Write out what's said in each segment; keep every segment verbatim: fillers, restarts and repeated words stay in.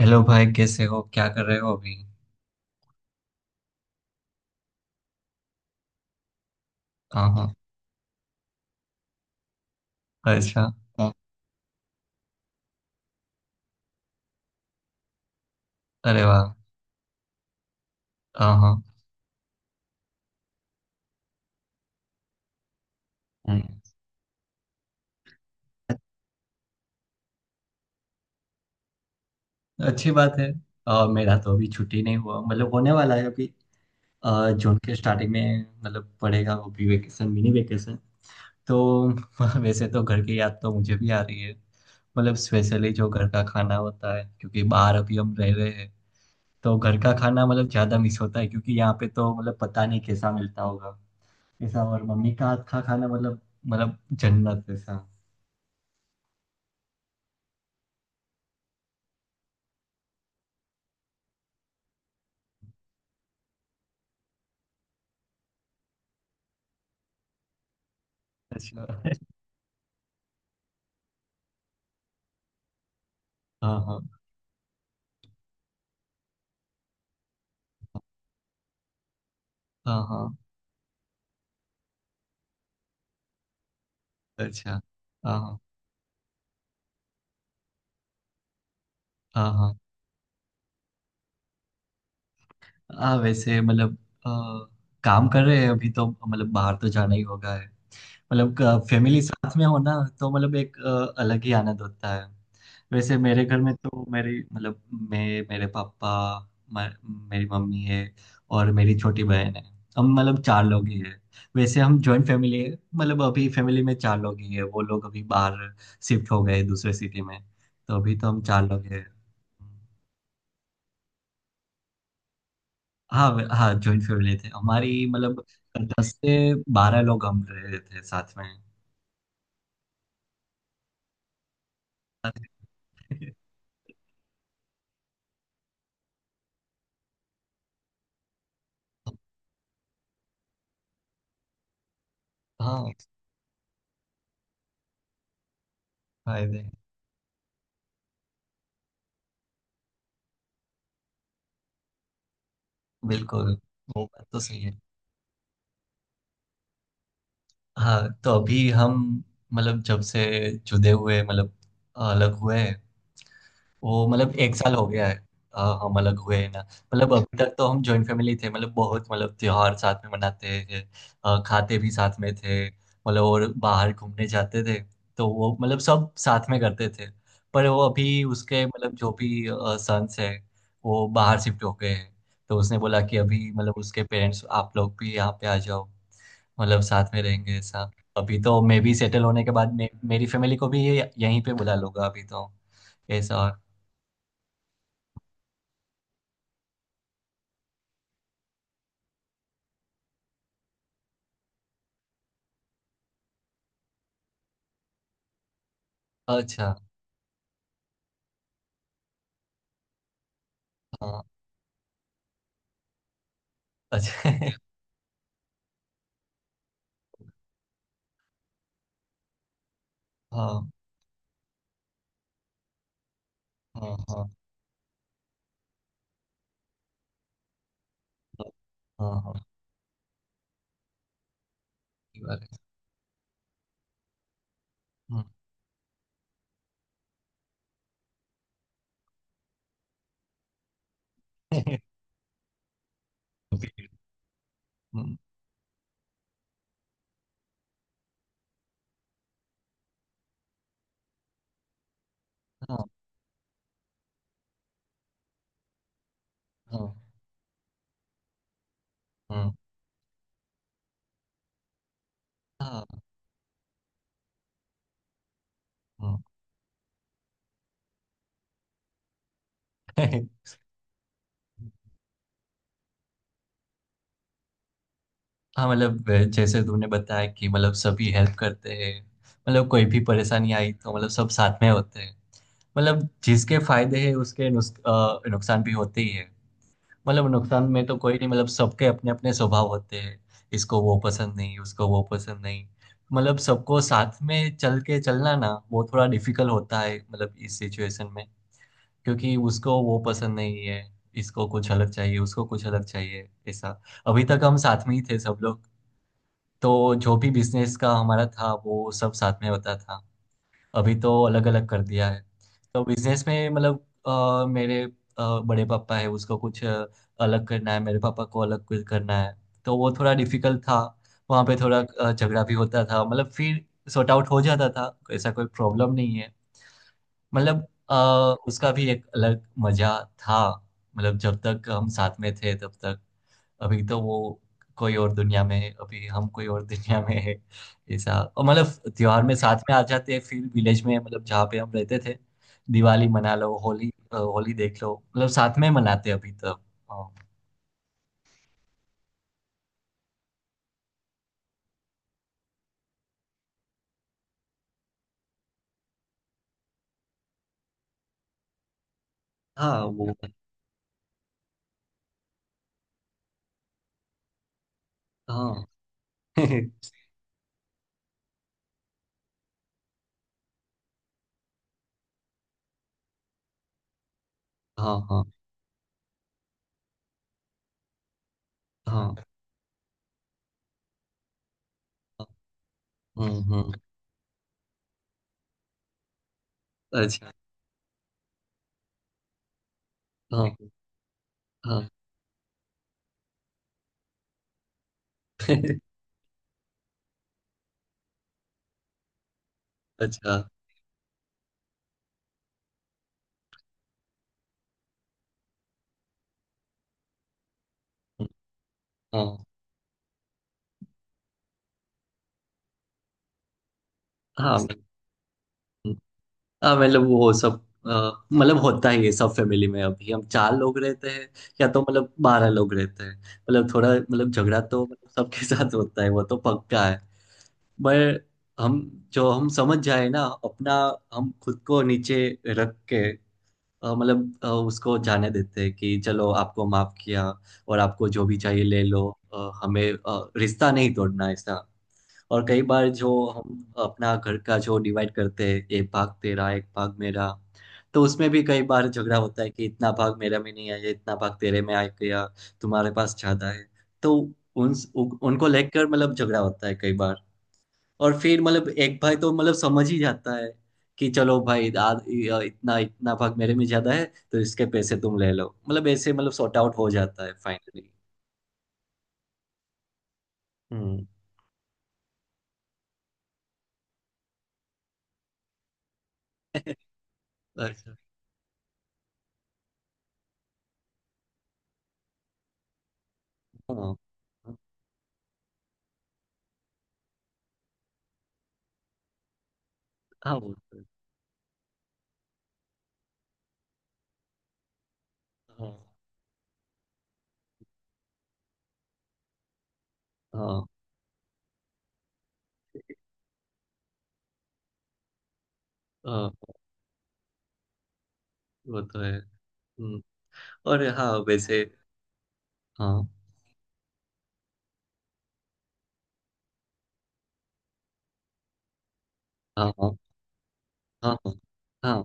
Hello भाई, कैसे हो? क्या कर रहे हो अभी? हाँ हाँ। अच्छा। हाँ। अरे वाह। हाँ हाँ। हम्म। अच्छी बात है। आ, मेरा तो अभी छुट्टी नहीं हुआ, मतलब होने वाला है अभी। आ, जून के स्टार्टिंग में मतलब पड़ेगा वो भी वेकेशन, मिनी वेकेशन। तो वैसे तो घर की याद तो मुझे भी आ रही है। मतलब स्पेशली जो घर का खाना होता है, क्योंकि बाहर अभी हम रह रहे हैं। तो घर का खाना मतलब ज़्यादा मिस होता है, क्योंकि यहाँ पे तो मतलब पता नहीं कैसा मिलता होगा ऐसा। और मम्मी का हाथ का खाना मतलब, मतलब जन्नत ऐसा। अच्छा। हाँ हाँ। हाँ हाँ। अच्छा। हाँ हाँ। हाँ हाँ। हाँ, वैसे मतलब अ, काम कर रहे हैं अभी तो। मतलब बाहर तो जाना ही होगा है। मतलब फैमिली साथ में हो ना, तो मतलब एक अ, अलग ही आनंद होता है। वैसे मेरे घर में तो मेरी मतलब, मैं, मेरे पापा, म- मेरी मम्मी है और मेरी छोटी बहन है। हम मतलब चार लोग ही है। वैसे हम जॉइंट फैमिली है। मतलब अभी फैमिली में चार लोग ही है, वो लोग अभी बाहर शिफ्ट हो गए दूसरे सिटी में। तो अभी तो हम चार लोग हैं। हाँ वे- हाँ जॉइंट फैमिली थे हमारी। मतलब दस से बारह लोग हम रहे थे साथ में। हाँ। फायदे। बिल्कुल। वो बात तो सही है। हाँ, तो अभी हम, मतलब जब से जुदे हुए, मतलब अलग हुए हैं, वो मतलब एक साल हो गया है। अ, हम अलग हुए हैं ना। मतलब अभी तक तो हम जॉइंट फैमिली थे। मतलब बहुत, मतलब त्योहार साथ में मनाते थे। अ, खाते भी साथ में थे मतलब, और बाहर घूमने जाते थे। तो वो मतलब सब साथ में करते थे। पर वो अभी उसके, मतलब जो भी सन्स है, वो बाहर शिफ्ट हो गए हैं। तो उसने बोला कि अभी मतलब उसके पेरेंट्स आप लोग भी यहाँ पे आ जाओ, मतलब साथ में रहेंगे ऐसा। अभी तो मैं भी सेटल होने के बाद मे, मेरी फैमिली को भी ये यहीं पे बुला लूंगा अभी तो ऐसा। अच्छा। हाँ। अच्छा। हाँ हाँ। हाँ हाँ। हाँ हाँ। ये बात है। हम्म। भीड़। हम्म। हाँ हाँ। हाँ हाँ। हाँ। हाँ मतलब अ, जैसे तुमने बताया कि मतलब सभी हेल्प करते हैं। मतलब कोई भी परेशानी आई तो मतलब सब साथ में होते हैं। मतलब जिसके फायदे हैं उसके नुस, अ, नुकसान भी होते ही है। मतलब नुकसान में तो कोई नहीं, मतलब सबके अपने अपने स्वभाव होते हैं। इसको वो पसंद नहीं, उसको वो पसंद नहीं। मतलब सबको साथ में चल के चलना ना, वो थोड़ा डिफिकल्ट होता है मतलब इस सिचुएशन में। क्योंकि उसको वो पसंद नहीं है, इसको कुछ अलग चाहिए, उसको कुछ अलग चाहिए ऐसा। अभी तक हम साथ में ही थे सब लोग, तो जो भी बिजनेस का हमारा था वो सब साथ में होता था। अभी तो अलग अलग कर दिया है। तो बिजनेस में मतलब अ, मेरे अ, बड़े पापा है, उसको कुछ अ, अलग करना है, मेरे पापा को अलग कुछ करना है। तो वो थोड़ा डिफिकल्ट था। वहाँ पे थोड़ा अ, झगड़ा भी होता था, मतलब फिर सॉर्ट आउट हो जाता था ऐसा। कोई प्रॉब्लम नहीं है। मतलब अ, उसका भी एक अलग मजा था, मतलब जब तक हम साथ में थे तब तक। अभी तो वो कोई और दुनिया में है, अभी हम कोई और दुनिया में है ऐसा। और मतलब त्योहार में साथ में आ जाते हैं फिर विलेज में, मतलब जहाँ पे हम रहते थे। दिवाली मना लो, होली अ, होली देख लो, मतलब साथ में मनाते हैं अभी तक। हाँ हाँ। वो हाँ। हाँ हाँ। हाँ हाँ, हम्म हम्म। अच्छा। हाँ हाँ। अच्छा। हाँ हाँ। हाँ मतलब वो सब अ, मतलब होता ही है सब फैमिली में। अभी हम चार लोग रहते हैं या तो मतलब बारह लोग रहते हैं, मतलब थोड़ा मतलब झगड़ा तो मतलब सबके साथ होता है, वो तो पक्का है। पर हम, जो हम समझ जाए ना अपना, हम खुद को नीचे रख के अ, मतलब अ, उसको जाने देते हैं कि चलो आपको माफ किया और आपको जो भी चाहिए ले लो। अ, हमें अ, रिश्ता नहीं तोड़ना ऐसा। और कई बार जो हम अपना घर का जो डिवाइड करते हैं, एक भाग तेरा एक भाग मेरा, तो उसमें भी कई बार झगड़ा होता है कि इतना भाग मेरा में नहीं आया, इतना भाग तेरे में आ गया, तुम्हारे पास ज्यादा है। तो उन उ, उनको लेकर मतलब झगड़ा होता है कई बार। और फिर मतलब एक भाई तो मतलब समझ ही जाता है कि चलो भाई, आ, इतना इतना भाग मेरे में ज्यादा है तो इसके पैसे तुम ले लो। मतलब ऐसे मतलब सॉर्ट आउट हो जाता है फाइनली। हम्म। अच्छा। हाँ हाँ। वो तो है। हाँ हाँ। हाँ वो तो है। हम्म। और हाँ वैसे। हाँ हाँ। हाँ हाँ। हाँ हाँ।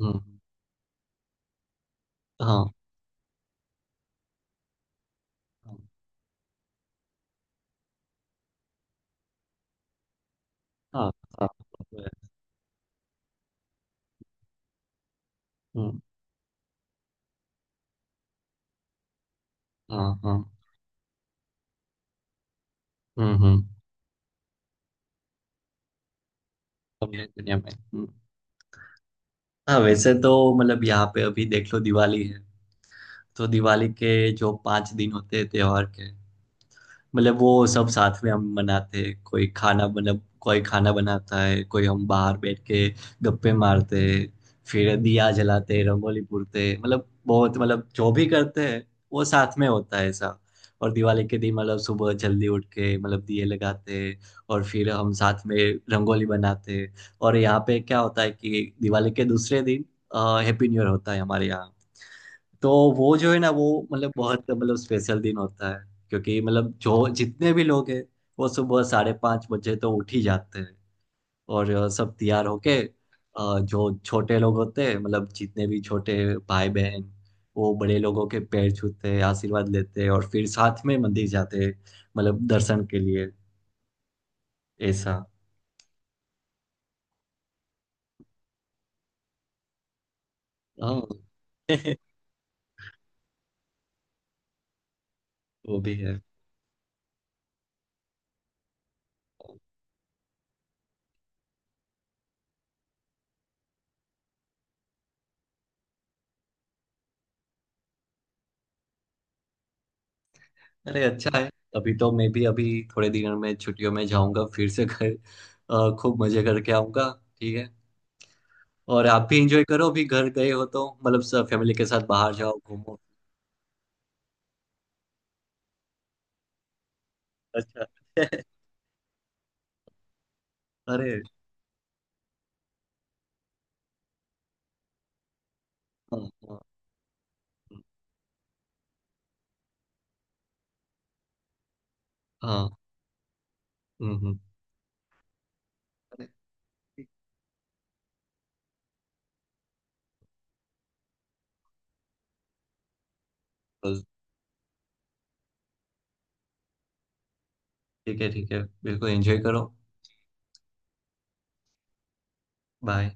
हम्म। हाँ हाँ। हाँ हाँ, वो तो है। हम्म। हाँ हाँ। हम्म हम्म। अपने दुनिया में। हम्म। हाँ वैसे तो मतलब यहाँ पे अभी देख लो दिवाली है, तो दिवाली के जो पांच दिन होते हैं त्योहार के, मतलब वो सब साथ में हम मनाते हैं। कोई खाना मतलब कोई खाना बनाता है, कोई हम बाहर बैठ के गप्पे मारते हैं, फिर दिया जलाते हैं, रंगोली पूरते हैं। मतलब बहुत, मतलब जो भी करते हैं वो साथ में होता है ऐसा। और दिवाली के दिन मतलब सुबह जल्दी उठ के मतलब दिए लगाते हैं और फिर हम साथ में रंगोली बनाते हैं। और यहाँ पे क्या होता है कि दिवाली के दूसरे दिन हैप्पी न्यू ईयर होता है हमारे यहाँ। तो वो जो है ना, वो मतलब बहुत, मतलब स्पेशल दिन होता है। क्योंकि मतलब जो जितने भी लोग हैं, वो सुबह साढ़े पाँच बजे तो उठ ही जाते हैं। और अ, सब तैयार होके अ, जो छोटे लोग होते हैं, मतलब जितने भी छोटे भाई बहन, वो बड़े लोगों के पैर छूते हैं, आशीर्वाद लेते हैं, और फिर साथ में मंदिर जाते हैं मतलब दर्शन के लिए ऐसा। हाँ। वो भी है। अरे अच्छा है। अभी तो मैं भी अभी थोड़े दिनों में छुट्टियों में जाऊंगा फिर से घर। अ, खूब मजे करके आऊंगा। ठीक है। और आप भी एंजॉय करो, अभी घर गए हो तो मतलब सब फैमिली के साथ बाहर जाओ, घूमो। अच्छा। अरे। हाँ हाँ। हाँ, हाँ, हम्म हम्म। अरे, ठीक। बस, ठीक है, ठीक है, बिल्कुल एंजॉय करो। बाय।